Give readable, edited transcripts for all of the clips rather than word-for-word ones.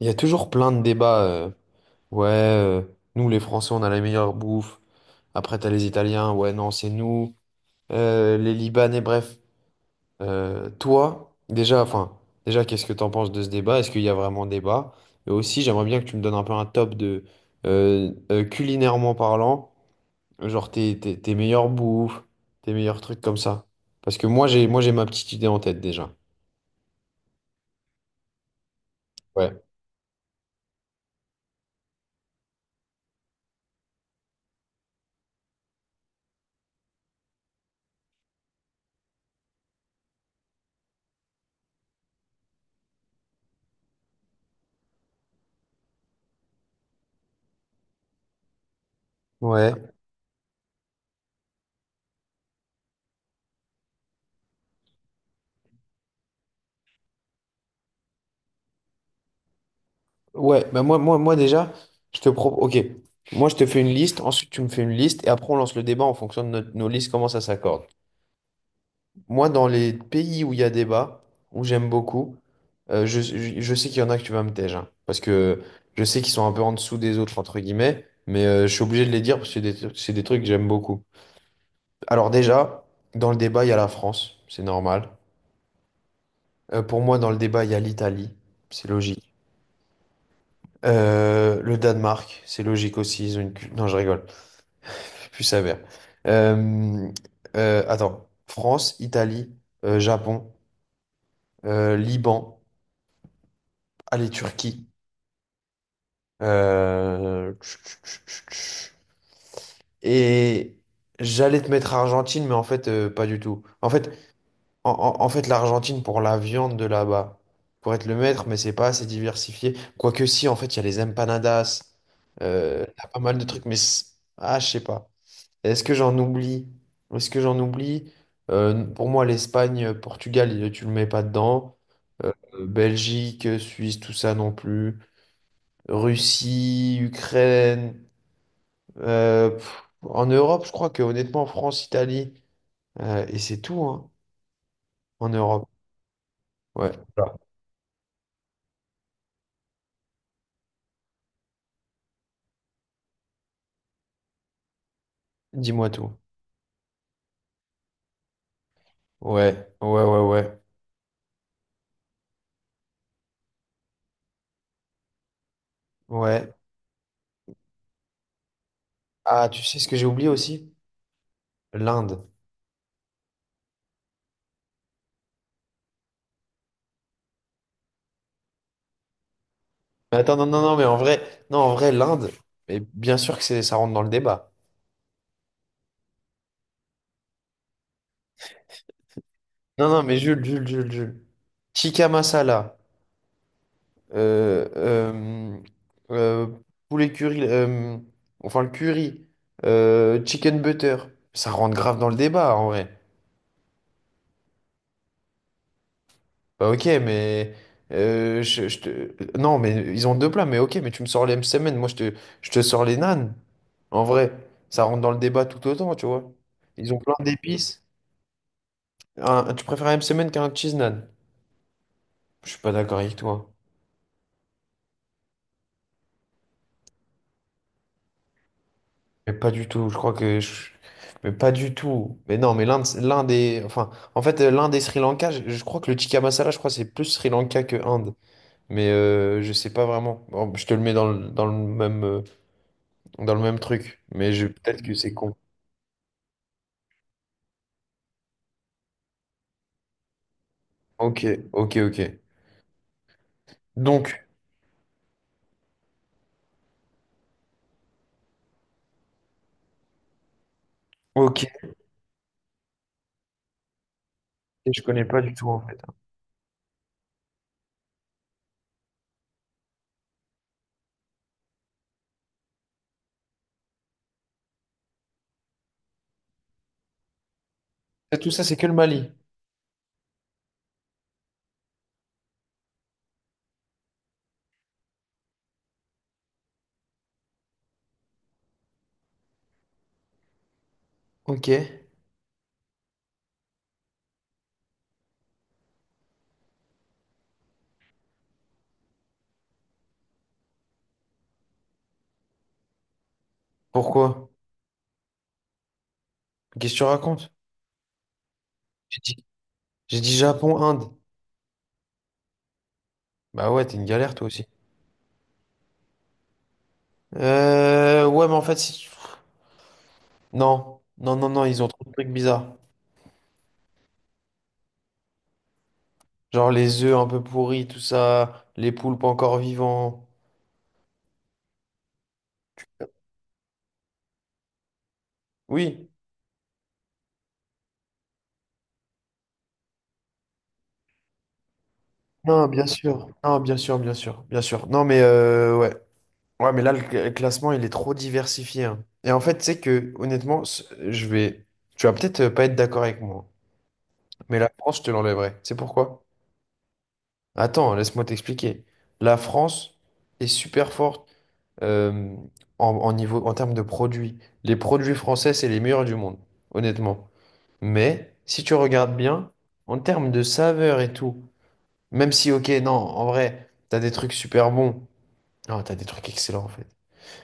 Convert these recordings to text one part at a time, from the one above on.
Il y a toujours plein de débats. Ouais, euh, Nous les Français, on a la meilleure bouffe. Après, t'as les Italiens. Ouais, non, c'est nous. Les Libanais, bref. Toi, déjà, enfin, déjà, qu'est-ce que t'en penses de ce débat? Est-ce qu'il y a vraiment débat? Et aussi, j'aimerais bien que tu me donnes un peu un top de culinairement parlant, genre tes meilleures bouffes, tes meilleurs trucs comme ça. Parce que moi j'ai ma petite idée en tête déjà. Ouais. Ouais. Ouais, bah moi déjà, je te propose. Ok, moi je te fais une liste, ensuite tu me fais une liste, et après on lance le débat en fonction de nos listes, comment ça s'accorde. Moi, dans les pays où il y a débat, où j'aime beaucoup, je sais qu'il y en a que tu vas me tège, hein, parce que je sais qu'ils sont un peu en dessous des autres, entre guillemets, mais je suis obligé de les dire parce que c'est des trucs que j'aime beaucoup. Alors déjà, dans le débat, il y a la France, c'est normal. Pour moi, dans le débat, il y a l'Italie, c'est logique. Le Danemark, c'est logique aussi, ils ont une... Non, je rigole. Plus sévère. Euh, attends, France, Italie, Japon, Liban, allez, Turquie. euh, Et j'allais te mettre Argentine, mais en fait, pas du tout. En fait, l'Argentine pour la viande de là-bas, pour être le maître, mais c'est pas assez diversifié. Quoique si, en fait, il y a les empanadas, il y a pas mal de trucs, mais ah, je sais pas. Est-ce que j'en oublie? Est-ce que j'en oublie? Pour moi, l'Espagne, Portugal, tu le mets pas dedans. Euh, Belgique, Suisse, tout ça non plus. Russie, Ukraine. En Europe, je crois que honnêtement, France, Italie. Et c'est tout, hein, en Europe. Ouais. Voilà. Dis-moi tout. Ouais, ouais, ouais, ouais. Ouais. Ah, tu sais ce que j'ai oublié aussi? L'Inde. Mais attends, non, non, non, mais en vrai, non, en vrai, l'Inde, mais bien sûr que ça rentre dans le débat. Non, non, mais Jules, Jules, Jules, Jules. Tikka masala. Euh, euh, euh, poulet curry. Enfin, le curry. Chicken butter. Ça rentre grave dans le débat, en vrai. Bah, ok, mais. Je te... Non, mais ils ont deux plats, mais ok, mais tu me sors les semaine je te sors les nanes. En vrai, ça rentre dans le débat tout autant, tu vois. Ils ont plein d'épices. Tu préfères un semaine qu'un cheese nan? Je suis pas d'accord avec toi. Mais pas du tout, je crois que je- mais pas du tout. Mais non, mais l'un des... Enfin, en fait, l'un des Sri Lanka, je crois que le tikka masala, je crois que c'est plus Sri Lanka que Inde. Mais je sais pas vraiment. Bon, je te le mets dans le même truc. Mais je... peut-être que c'est con. Ok, ok, ok. Donc, ok. Et je connais pas du tout, en fait. Et tout ça, c'est que le Mali. Ok. Pourquoi? Qu'est-ce que tu racontes? J'ai dit, j'ai dit Japon, Inde. Bah ouais, t'es une galère, toi aussi. Ouais, mais en fait, si... Non, non, non, non, ils ont trop de trucs bizarres. Genre les œufs un peu pourris, tout ça, les poulpes encore vivants. Oui. Non, bien sûr. Non, bien sûr, bien sûr, bien sûr. Non, mais ouais. Ouais, mais là, le classement, il est trop diversifié, hein. Et en fait, tu sais que, honnêtement, je vais. Tu vas peut-être pas être d'accord avec moi, hein. Mais la France, je te l'enlèverai. Tu sais pourquoi? Attends, laisse-moi t'expliquer. La France est super forte euh, en niveau, en termes de produits. Les produits français, c'est les meilleurs du monde, honnêtement. Mais si tu regardes bien, en termes de saveur et tout, même si, ok, non, en vrai, t'as des trucs super bons. Non, t'as des trucs excellents en fait.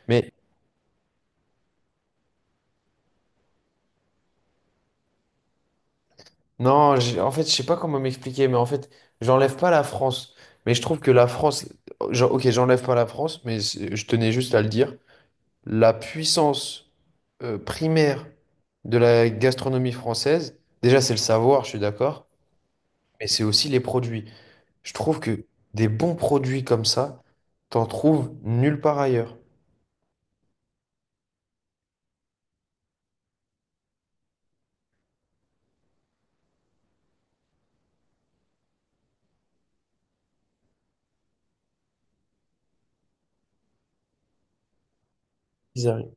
Mais non, en fait, je sais pas comment m'expliquer, mais en fait, j'enlève pas la France. Mais je trouve que la France, genre, ok, j'enlève pas la France, mais je tenais juste à le dire. La puissance primaire de la gastronomie française, déjà, c'est le savoir, je suis d'accord, mais c'est aussi les produits. Je trouve que des bons produits comme ça, t'en trouves nulle part ailleurs. Ils arrivent.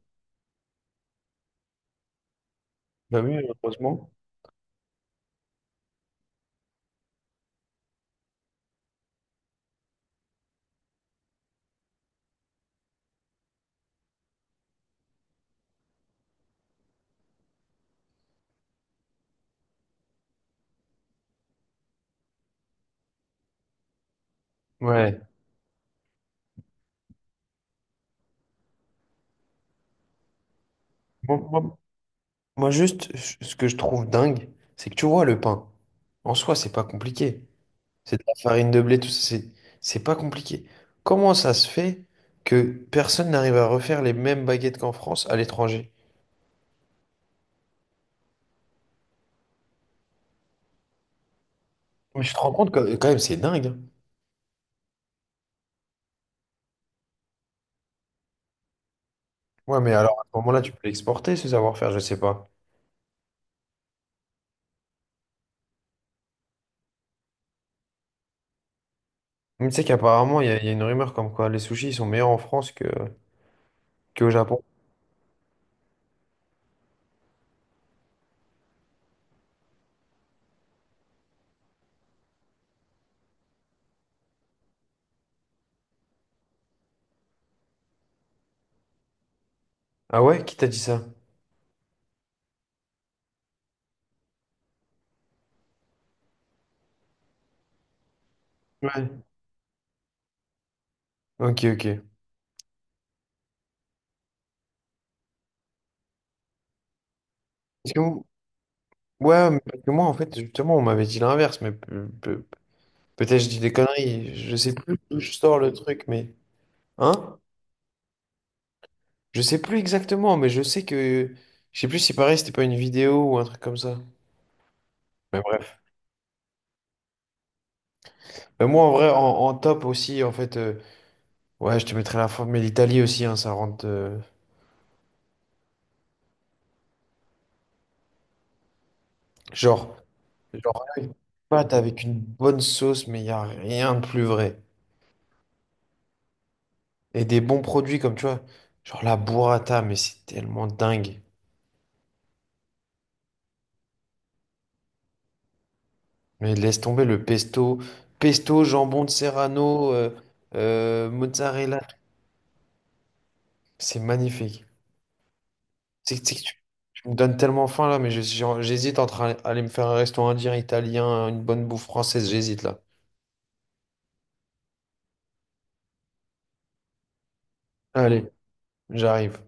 Bah oui, heureusement. Ouais. Moi, moi- Moi, juste, ce que je trouve dingue, c'est que tu vois, le pain, en soi, c'est pas compliqué. C'est de la farine de blé, tout ça, c'est pas compliqué. Comment ça se fait que personne n'arrive à refaire les mêmes baguettes qu'en France à l'étranger? Mais je te rends compte que quand même, c'est dingue, hein. Ouais, mais alors à ce moment-là, tu peux l'exporter, ce savoir-faire, je sais pas. Mais tu sais qu'apparemment, il y a une rumeur comme quoi les sushis ils sont meilleurs en France que. Que au Japon. Ah ouais? Qui t'a dit ça? Ouais. Ok, ok. Parce que m- ouais, mais parce que moi, en fait, justement, on m'avait dit l'inverse, mais peut-être je dis des conneries. Je sais plus d'où je sors le truc, mais. Hein? Je sais plus exactement, mais je sais que. Je sais plus si pareil, c'était pas une vidéo ou un truc comme ça. Mais bref. Mais moi, en vrai, en, en top aussi, en fait, ouais, je te mettrais la forme, mais l'Italie aussi, hein, ça rentre. Genre, genre, une pâte avec une bonne sauce, mais il n'y a rien de plus vrai. Et des bons produits comme tu vois, genre la burrata, mais c'est tellement dingue. Mais laisse tomber le pesto, pesto, jambon de Serrano, mozzarella, c'est magnifique. C'est c'est que tu, Tu me donnes tellement faim là, mais j'hésite entre aller me faire un restaurant indien, italien, une bonne bouffe française, j'hésite là. Allez, j'arrive.